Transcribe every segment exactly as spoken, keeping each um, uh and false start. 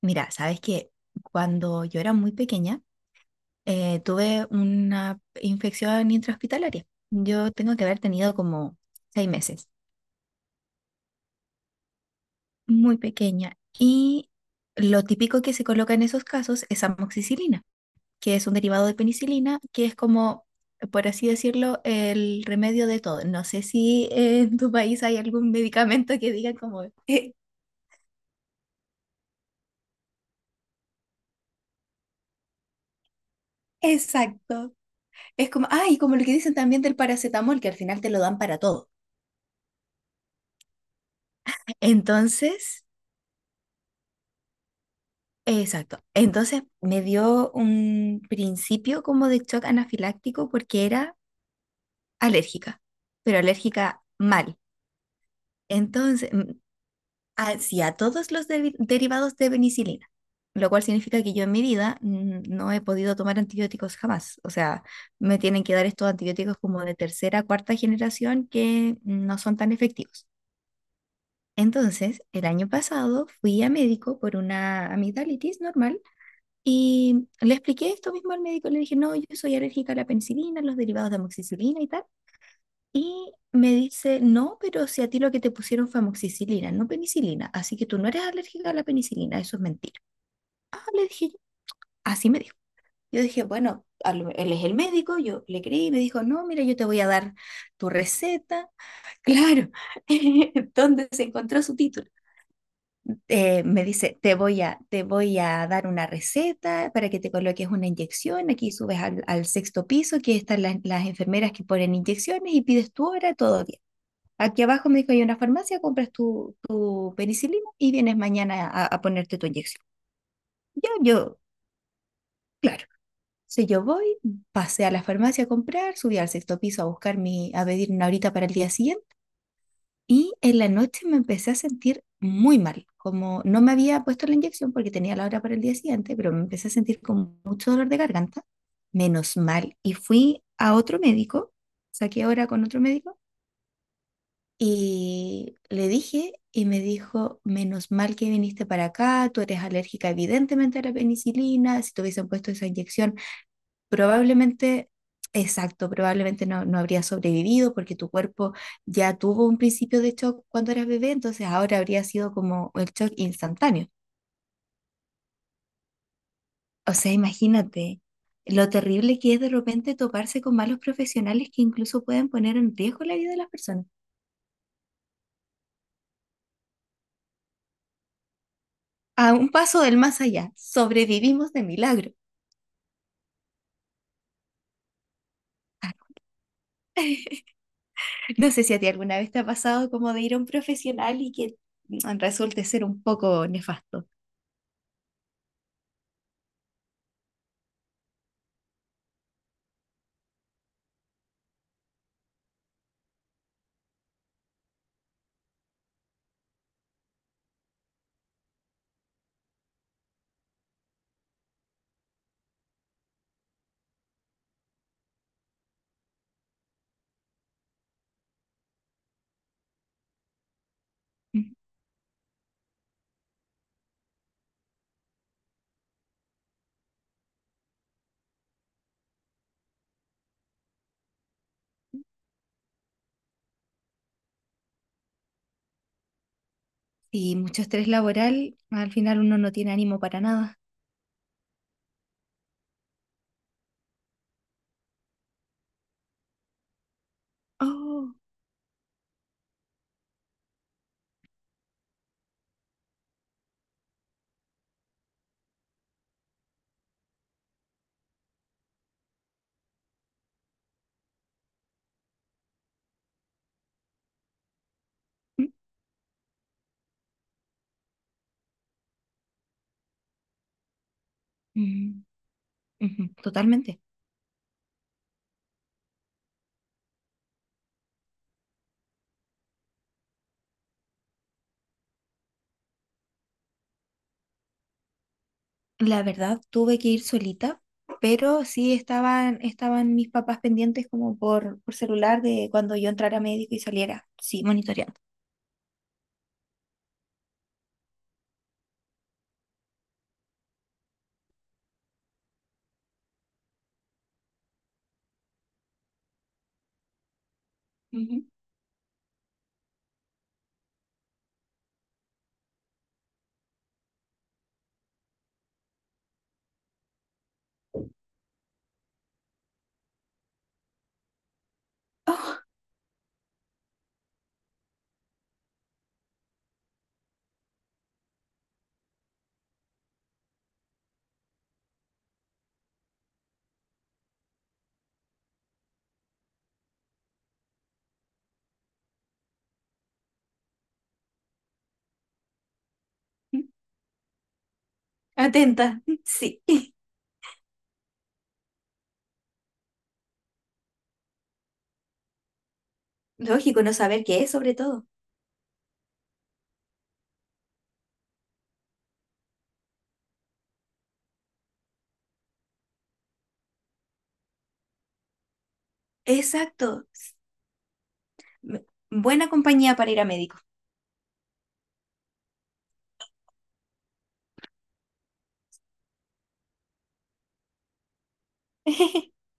Mira, sabes que cuando yo era muy pequeña, eh, tuve una infección intrahospitalaria. Yo tengo que haber tenido como seis meses, muy pequeña. Y lo típico que se coloca en esos casos es amoxicilina, que es un derivado de penicilina, que es como, por así decirlo, el remedio de todo. No sé si eh, en tu país hay algún medicamento que diga como. "Eh, exacto. Es como, ay, como lo que dicen también del paracetamol, que al final te lo dan para todo. Entonces, exacto. Entonces me dio un principio como de shock anafiláctico porque era alérgica, pero alérgica mal. Entonces, mm, hacia todos los deri- derivados de penicilina, lo cual significa que yo en mi vida mm, no he podido tomar antibióticos jamás. O sea, me tienen que dar estos antibióticos como de tercera, cuarta generación que no son tan efectivos. Entonces, el año pasado fui a médico por una amigdalitis normal. Y le expliqué esto mismo al médico, le dije, no, yo soy alérgica a la penicilina, los derivados de amoxicilina y tal. Y me dice, no, pero si a ti lo que te pusieron fue amoxicilina, no penicilina, así que tú no eres alérgica a la penicilina, eso es mentira. Ah, le dije, yo. Así me dijo. Yo dije, bueno, a lo- él es el médico, yo le creí, me dijo, no, mira, yo te voy a dar tu receta. Claro. ¿Dónde se encontró su título? Eh, me dice, te voy a, te voy a dar una receta para que te coloques una inyección, aquí subes al, al sexto piso, aquí están las, las enfermeras que ponen inyecciones y pides tu hora, todo bien. Aquí abajo me dijo, hay una farmacia, compras tu, tu penicilina y vienes mañana a, a ponerte tu inyección. Yo, yo, claro. Entonces yo voy, pasé a la farmacia a comprar, subí al sexto piso a buscar mi, a pedir una horita para el día siguiente. Y en la noche me empecé a sentir muy mal, como no me había puesto la inyección porque tenía la hora para el día siguiente, pero me empecé a sentir con mucho dolor de garganta, menos mal. Y fui a otro médico, saqué hora con otro médico y le dije y me dijo, menos mal que viniste para acá, tú eres alérgica evidentemente a la penicilina. Si te hubiesen puesto esa inyección probablemente, exacto, probablemente no, no habría sobrevivido porque tu cuerpo ya tuvo un principio de shock cuando eras bebé, entonces ahora habría sido como el shock instantáneo. O sea, imagínate lo terrible que es de repente toparse con malos profesionales que incluso pueden poner en riesgo la vida de las personas. A un paso del más allá, sobrevivimos de milagro. No sé si a ti alguna vez te ha pasado como de ir a un profesional y que mm, resulte ser un poco nefasto. Y mucho estrés laboral, al final uno no tiene ánimo para nada. Oh. Mm, ujú, totalmente. La verdad, tuve que ir solita, pero sí estaban, estaban mis papás pendientes como por, por celular de cuando yo entrara médico y saliera, sí, monitoreando. Ujú. Oh. Atenta, sí. Lógico, no saber qué es, sobre todo. Exacto. m- Buena compañía para ir a médico.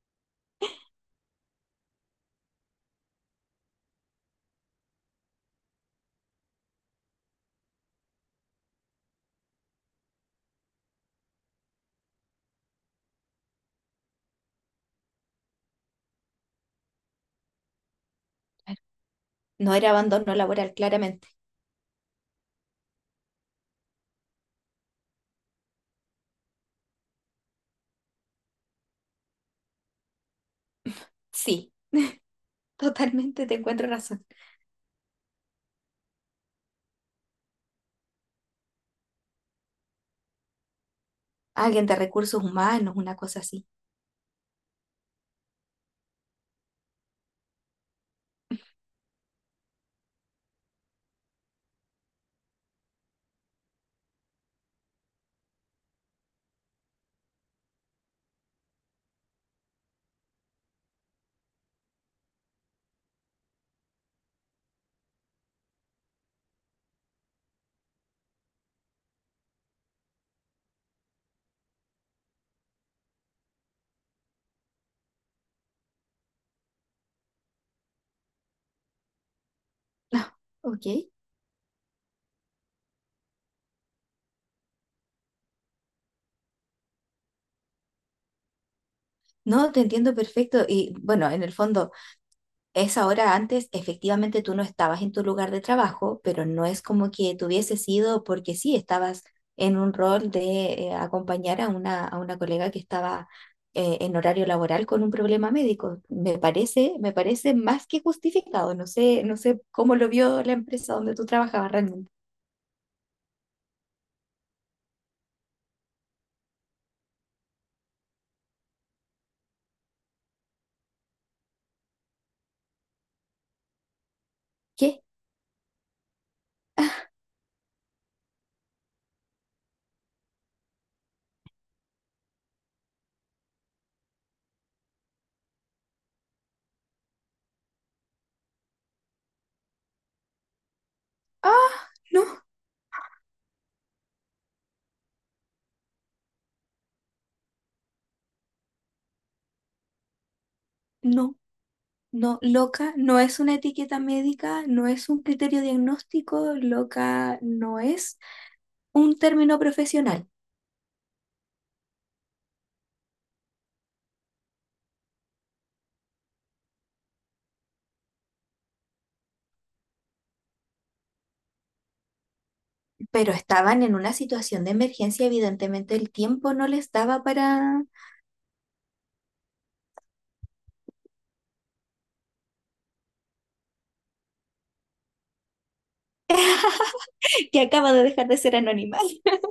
Claro. No era abandono laboral, claramente. Sí, totalmente te encuentro razón. Alguien de recursos humanos, una cosa así. Ah, ok. No, te entiendo perfecto. Y bueno, en el fondo, esa hora antes, efectivamente tú no estabas en tu lugar de trabajo, pero no es como que te hubiese sido porque sí, estabas en un rol de eh, acompañar a una, a una colega que estaba eh, en horario laboral con un problema médico. Me parece, me parece más que justificado. No sé, no sé cómo lo vio la empresa donde tú trabajabas realmente. ¿Qué? Ah, no, no. No, loca no es una etiqueta médica, no es un criterio diagnóstico, loca no es un término profesional. Pero estaban en una situación de emergencia, evidentemente el tiempo no les daba para... Que acaba de dejar de ser anónima.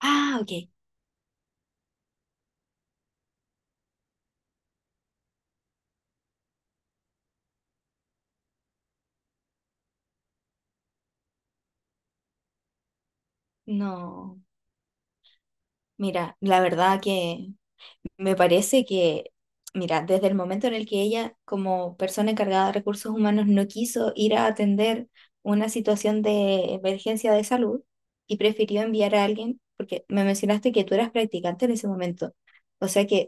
Ah, ok. No, mira, la verdad que me parece que, mira, desde el momento en el que ella, como persona encargada de recursos humanos, no quiso ir a atender una situación de emergencia de salud y prefirió enviar a alguien, porque me mencionaste que tú eras practicante en ese momento, o sea que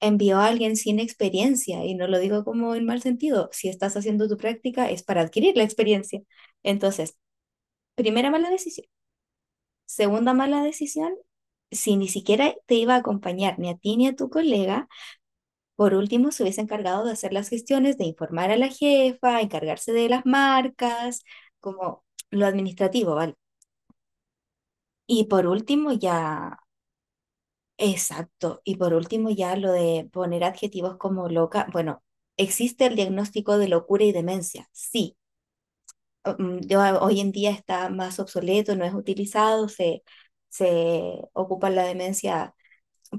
envió a alguien sin experiencia, y no lo digo como en mal sentido, si estás haciendo tu práctica es para adquirir la experiencia. Entonces, primera mala decisión. Segunda mala decisión, si ni siquiera te iba a acompañar ni a ti ni a tu colega. Por último, se hubiese encargado de hacer las gestiones, de informar a la jefa, encargarse de las marcas, como lo administrativo, ¿vale? Y por último, ya, exacto, y por último, ya lo de poner adjetivos como loca. Bueno, existe el diagnóstico de locura y demencia, sí. Mm, yo- hoy en día está más obsoleto, no es utilizado, se, se ocupa la demencia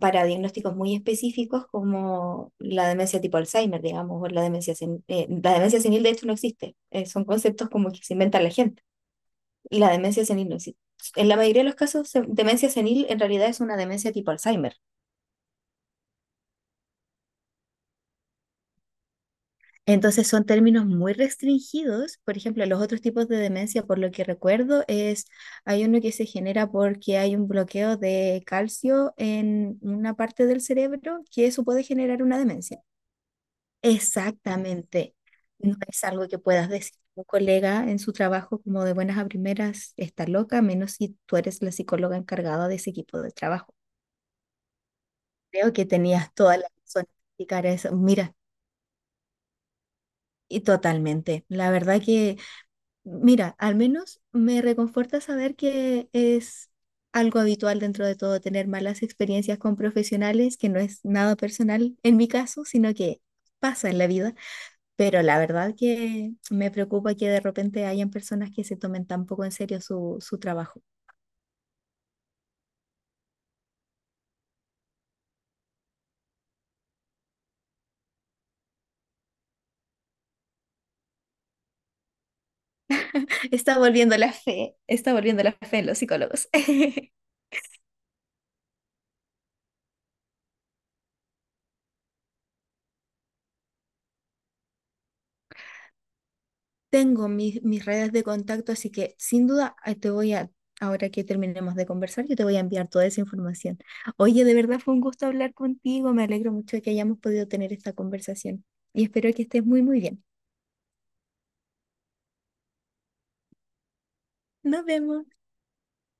para diagnósticos muy específicos como la demencia tipo Alzheimer, digamos, o la demencia senil. Eh, la demencia senil de hecho no existe, eh, son conceptos como que se inventa la gente. La demencia senil no existe. En la mayoría de los casos, se- demencia senil en realidad es una demencia tipo Alzheimer. Entonces son términos muy restringidos. Por ejemplo, los otros tipos de demencia, por lo que recuerdo, es hay uno que se genera porque hay un bloqueo de calcio en una parte del cerebro que eso puede generar una demencia. Exactamente. No es algo que puedas decir a un colega en su trabajo como de buenas a primeras, está loca, a menos si tú eres la psicóloga encargada de ese equipo de trabajo. Creo que tenías toda la razón en explicar eso. Mira, y totalmente. La verdad que, mira, al menos me reconforta saber que es algo habitual dentro de todo tener malas experiencias con profesionales, que no es nada personal en mi caso, sino que pasa en la vida. Pero la verdad que me preocupa que de repente hayan personas que se tomen tan poco en serio su, su trabajo. Está volviendo la fe, está volviendo la fe en los psicólogos. Tengo mis, mis redes de contacto, así que sin duda eh, te voy a, ahora que terminemos de conversar, yo te voy a enviar toda esa información. Oye, de verdad fue un gusto hablar contigo, me alegro mucho de que hayamos podido tener esta conversación y espero que estés muy, muy bien. Nos vemos.